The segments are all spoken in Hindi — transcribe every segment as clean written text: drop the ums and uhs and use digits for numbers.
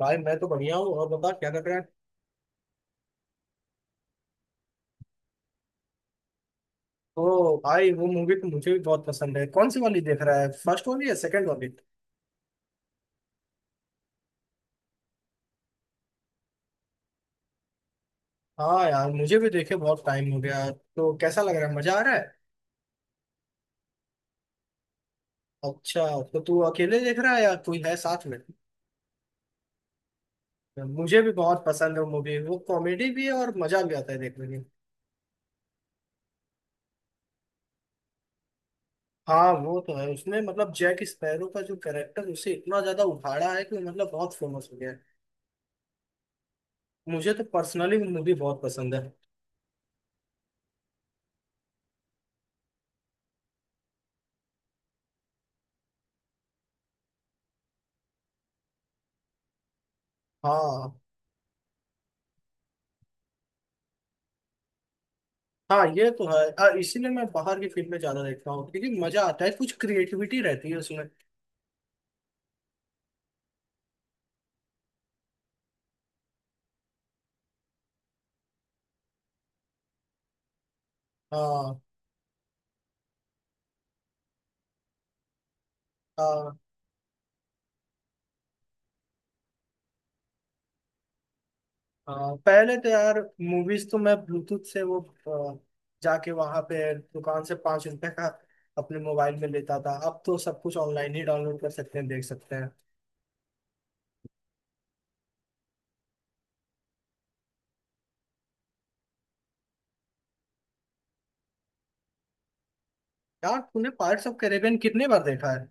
भाई मैं तो बढ़िया हूँ और बता क्या कर रहा है। तो भाई वो मूवी तो मुझे भी बहुत पसंद है। कौन सी वाली देख रहा है, फर्स्ट वाली या सेकंड वाली? हाँ यार, मुझे भी देखे बहुत टाइम हो गया। तो कैसा लग रहा है, मजा आ रहा है? अच्छा। तो तू अकेले देख रहा है या कोई है साथ में? मुझे भी बहुत पसंद है वो मूवी। वो कॉमेडी भी है और मजा भी आता है देखने में। हाँ वो तो है। उसमें मतलब जैक स्पैरो का जो कैरेक्टर, उसे इतना ज्यादा उखाड़ा है कि मतलब बहुत फेमस हो गया है। मुझे तो पर्सनली मूवी बहुत पसंद है। हाँ हाँ, ये तो है। और इसीलिए मैं बाहर की फिल्में ज्यादा देखता हूँ क्योंकि मजा आता है, कुछ क्रिएटिविटी रहती है उसमें। हाँ हाँ हाँ। पहले तो यार मूवीज तो मैं ब्लूटूथ से वो अ, जाके वहां पे दुकान से 5 रुपए का अपने मोबाइल में लेता था। अब तो सब कुछ ऑनलाइन ही डाउनलोड कर सकते हैं, देख सकते हैं। यार, तूने पायरेट्स ऑफ कैरेबियन कितने बार देखा है?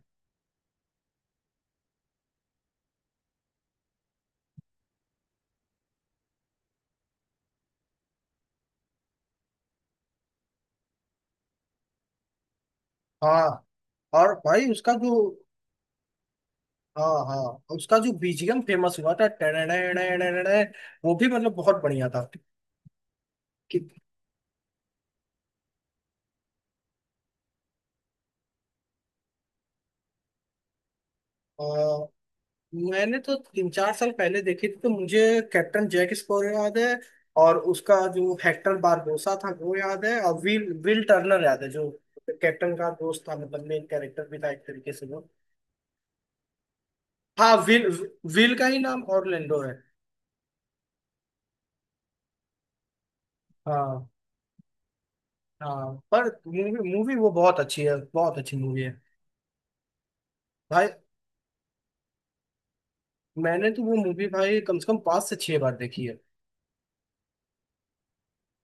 हाँ। और भाई उसका जो। हाँ हाँ, उसका जो बीजीएम फेमस हुआ था टेने, वो भी मतलब बहुत बढ़िया था। कि- मैंने तो 3-4 साल पहले देखी थी तो मुझे कैप्टन जैक स्पैरो याद है। और उसका जो हेक्टर बारबोसा था वो याद है, और विल विल टर्नर याद है, जो कैप्टन का दोस्त था, मतलब मेन कैरेक्टर भी था एक तरीके से वो। हाँ, विल। विल का ही नाम ऑरलैंडो है। हाँ हाँ, पर मूवी मूवी वो बहुत अच्छी है, बहुत अच्छी मूवी है। भाई, मैंने तो वो मूवी भाई कम से कम पांच से छह बार देखी है।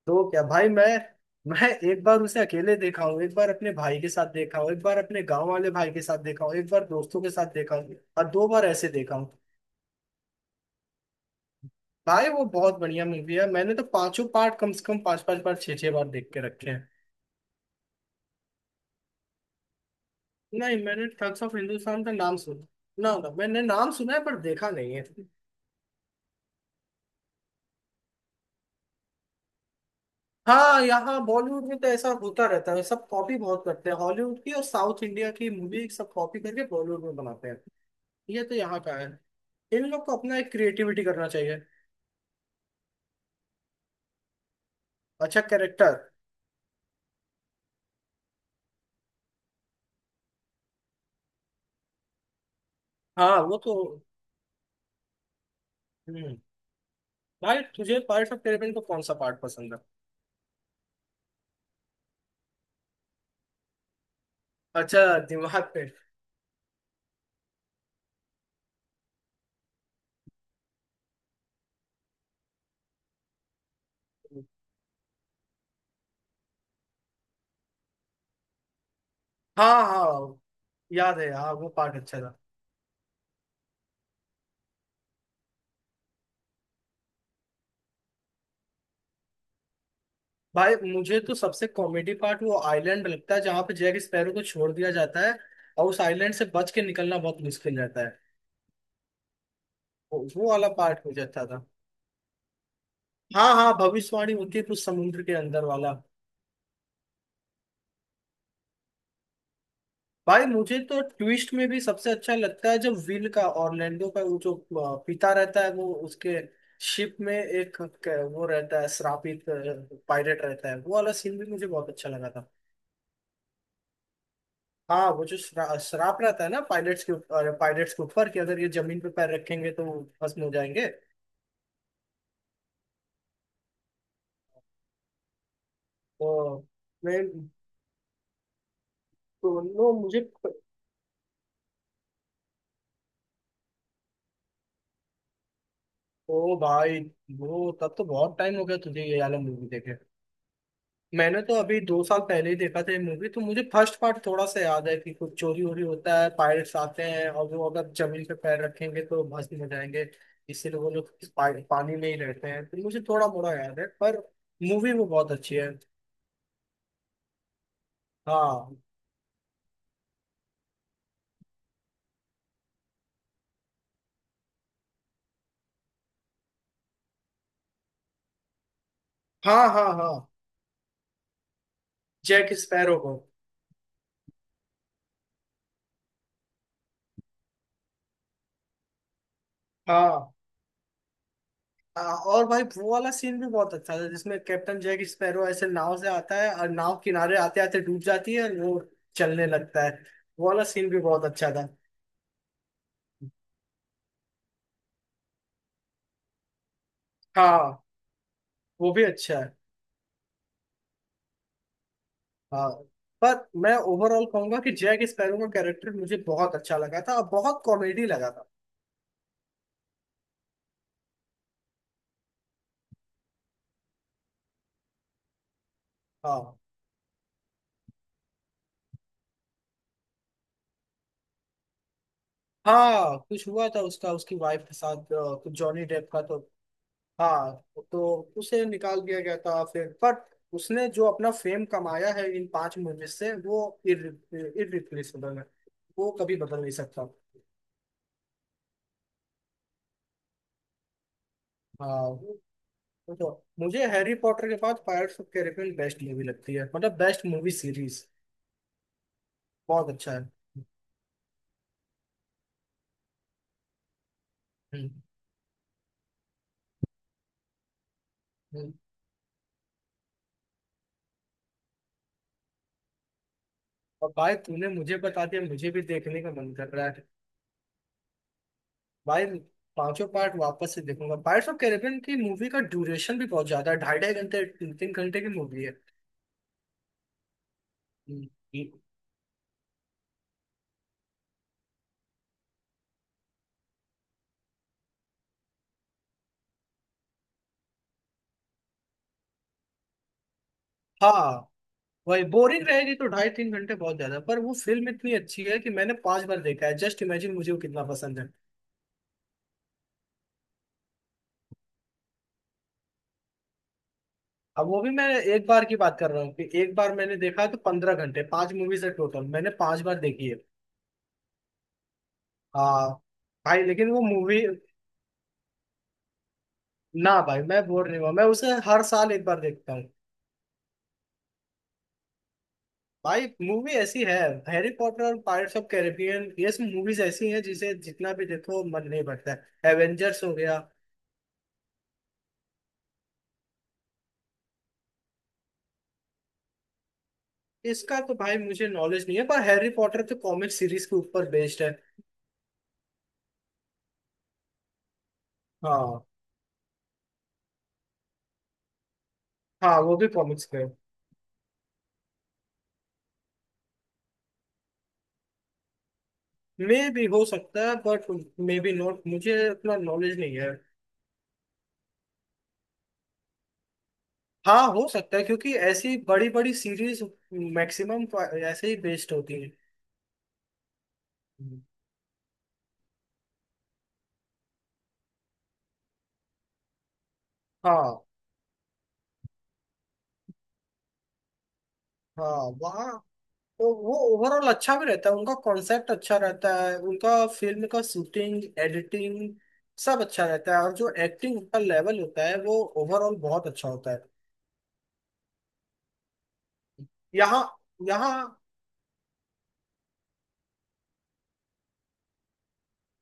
तो क्या भाई, मैं एक बार उसे अकेले देखा हूँ, एक बार अपने भाई के साथ देखा हूँ, एक बार अपने गांव वाले भाई के साथ देखा हूँ, एक बार दोस्तों के साथ देखा हूँ और दो बार ऐसे देखा हूँ। भाई वो बहुत बढ़िया मूवी है, मैंने तो पांचों पार्ट कम से कम पांच पांच बार छह छह बार देख के रखे हैं। नहीं, मैंने ठग्स ऑफ हिंदुस्तान का नाम सुना। ना ना, मैंने नाम सुना है पर देखा नहीं है। हाँ, यहाँ बॉलीवुड में तो ऐसा होता रहता है, सब कॉपी बहुत करते हैं। हॉलीवुड की और साउथ इंडिया की मूवी सब कॉपी करके बॉलीवुड में बनाते हैं। ये तो यहाँ का है। इन लोग को अपना एक क्रिएटिविटी करना चाहिए। अच्छा कैरेक्टर। हाँ वो तो। हम्म। भाई तुझे पार्ट ऑफ कैरेबियन का कौन सा पार्ट पसंद है? अच्छा। दिमाग पे। हाँ हाँ। याद है, हाँ, वो पार्ट अच्छा था। भाई, मुझे तो सबसे कॉमेडी पार्ट वो आइलैंड लगता है जहाँ पे जैक स्पैरो को छोड़ दिया जाता है और उस आइलैंड से बच के निकलना बहुत मुश्किल रहता है। वो वाला पार्ट मुझे अच्छा था। हाँ हाँ, भविष्यवाणी होती है कुछ समुद्र के अंदर वाला। भाई, मुझे तो ट्विस्ट में भी सबसे अच्छा लगता है जब विल का, ऑर्लैंडो का, वो जो पिता रहता है, वो उसके शिप में एक वो रहता है श्रापित पायलट रहता है। वो वाला सीन भी मुझे बहुत अच्छा लगा था। हाँ, वो जो श्राप रहता है ना पायलट्स के ऊपर कि अगर ये जमीन पे पैर रखेंगे तो भस्म हो जाएंगे। तो मैं तो नो मुझे। ओ भाई, वो तब तो बहुत टाइम हो गया तुझे ये वाला मूवी देखे। मैंने तो अभी 2 साल पहले ही देखा था ये मूवी, तो मुझे फर्स्ट पार्ट थोड़ा सा याद है कि कुछ चोरी वोरी होता है, पायरेट्स आते हैं और वो अगर जमीन पे पैर रखेंगे तो भस्म हो जाएंगे, इसलिए वो लोग पानी में ही रहते हैं। तो मुझे थोड़ा मोड़ा याद है पर मूवी वो बहुत अच्छी है। हाँ हाँ हाँ। हाँ, जैक स्पैरो को। हाँ। और भाई वो वाला सीन भी बहुत अच्छा था जिसमें कैप्टन जैक स्पैरो ऐसे नाव से आता है और नाव किनारे आते आते डूब जाती है और वो चलने लगता है। वो वाला सीन भी बहुत अच्छा था। हाँ, वो भी अच्छा है। हाँ, पर मैं ओवरऑल कहूंगा कि जैक स्पैरो का कैरेक्टर मुझे बहुत अच्छा लगा था और बहुत कॉमेडी लगा था। हाँ। हाँ, कुछ हुआ था उसका, उसकी वाइफ के साथ कुछ जॉनी डेप का तो। हाँ, तो उसे निकाल दिया गया था फिर पर उसने जो अपना फेम कमाया है इन पांच मूवीज से, वो इरिप्लेसेबल है। वो कभी बदल नहीं सकता। हाँ वो तो मुझे हैरी पॉटर के बाद pirates of Caribbean best movie लगती है, मतलब बेस्ट मूवी सीरीज। बहुत अच्छा है। हम्म। हम्म। और भाई तूने मुझे बता दिया, मुझे भी देखने का मन कर रहा है। भाई, पांचों पार्ट वापस से देखूंगा। पायरेट्स ऑफ कैरिबियन की मूवी का ड्यूरेशन भी बहुत ज्यादा है, ढाई ढाई घंटे तीन तीन घंटे की मूवी है। हम्म। हाँ, वही बोरिंग रहेगी तो ढाई तीन घंटे बहुत ज्यादा, पर वो फिल्म इतनी अच्छी है कि मैंने पांच बार देखा है। जस्ट इमेजिन मुझे वो कितना पसंद है। अब वो भी मैं एक बार की बात कर रहा हूँ कि एक बार मैंने देखा तो 15 घंटे, पांच मूवीज है टोटल, मैंने पांच बार देखी है। हाँ भाई, लेकिन वो मूवी। ना भाई, मैं बोर नहीं हुआ, मैं उसे हर साल एक बार देखता हूँ। भाई मूवी ऐसी है, हैरी पॉटर और पायरेट्स ऑफ कैरेबियन ये सब मूवीज ऐसी हैं जिसे जितना भी देखो मन नहीं भरता है, एवेंजर्स हो गया। इसका तो भाई मुझे नॉलेज नहीं है, पर हैरी पॉटर तो कॉमिक सीरीज के ऊपर बेस्ड है। हाँ हाँ, वो भी कॉमिक्स पे। मे भी हो सकता है बट मे बी नॉट, मुझे उतना नॉलेज नहीं है। हाँ हो सकता है, क्योंकि ऐसी बड़ी बड़ी सीरीज मैक्सिमम ऐसे ही बेस्ड होती है। हाँ। हाँ वहाँ। तो वो ओवरऑल अच्छा भी रहता है, उनका कॉन्सेप्ट अच्छा रहता है उनका, फिल्म का शूटिंग एडिटिंग सब अच्छा रहता है। और जो एक्टिंग का लेवल होता है वो ओवरऑल बहुत अच्छा होता है। यहाँ यहाँ।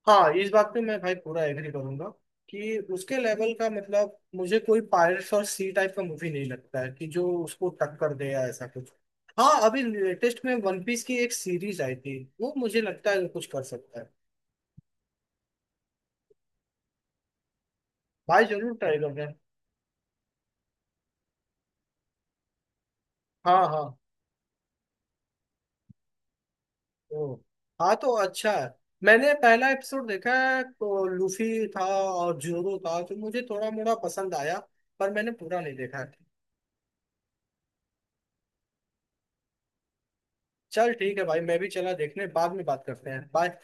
हाँ, इस बात पे मैं भाई पूरा एग्री करूंगा कि उसके लेवल का, मतलब मुझे कोई पायरेट्स और सी टाइप का मूवी नहीं लगता है कि जो उसको टक्कर दे या ऐसा कुछ। हाँ, अभी लेटेस्ट में वन पीस की एक सीरीज आई थी, वो मुझे लगता है वो कुछ कर सकता है। भाई, जरूर ट्राई करना। हाँ हाँ। ओ, हाँ तो अच्छा है। मैंने पहला एपिसोड देखा है, तो लूफी था और जोरो था, तो मुझे थोड़ा मोड़ा पसंद आया पर मैंने पूरा नहीं देखा है। चल ठीक है भाई, मैं भी चला देखने, बाद में बात करते हैं, बाय।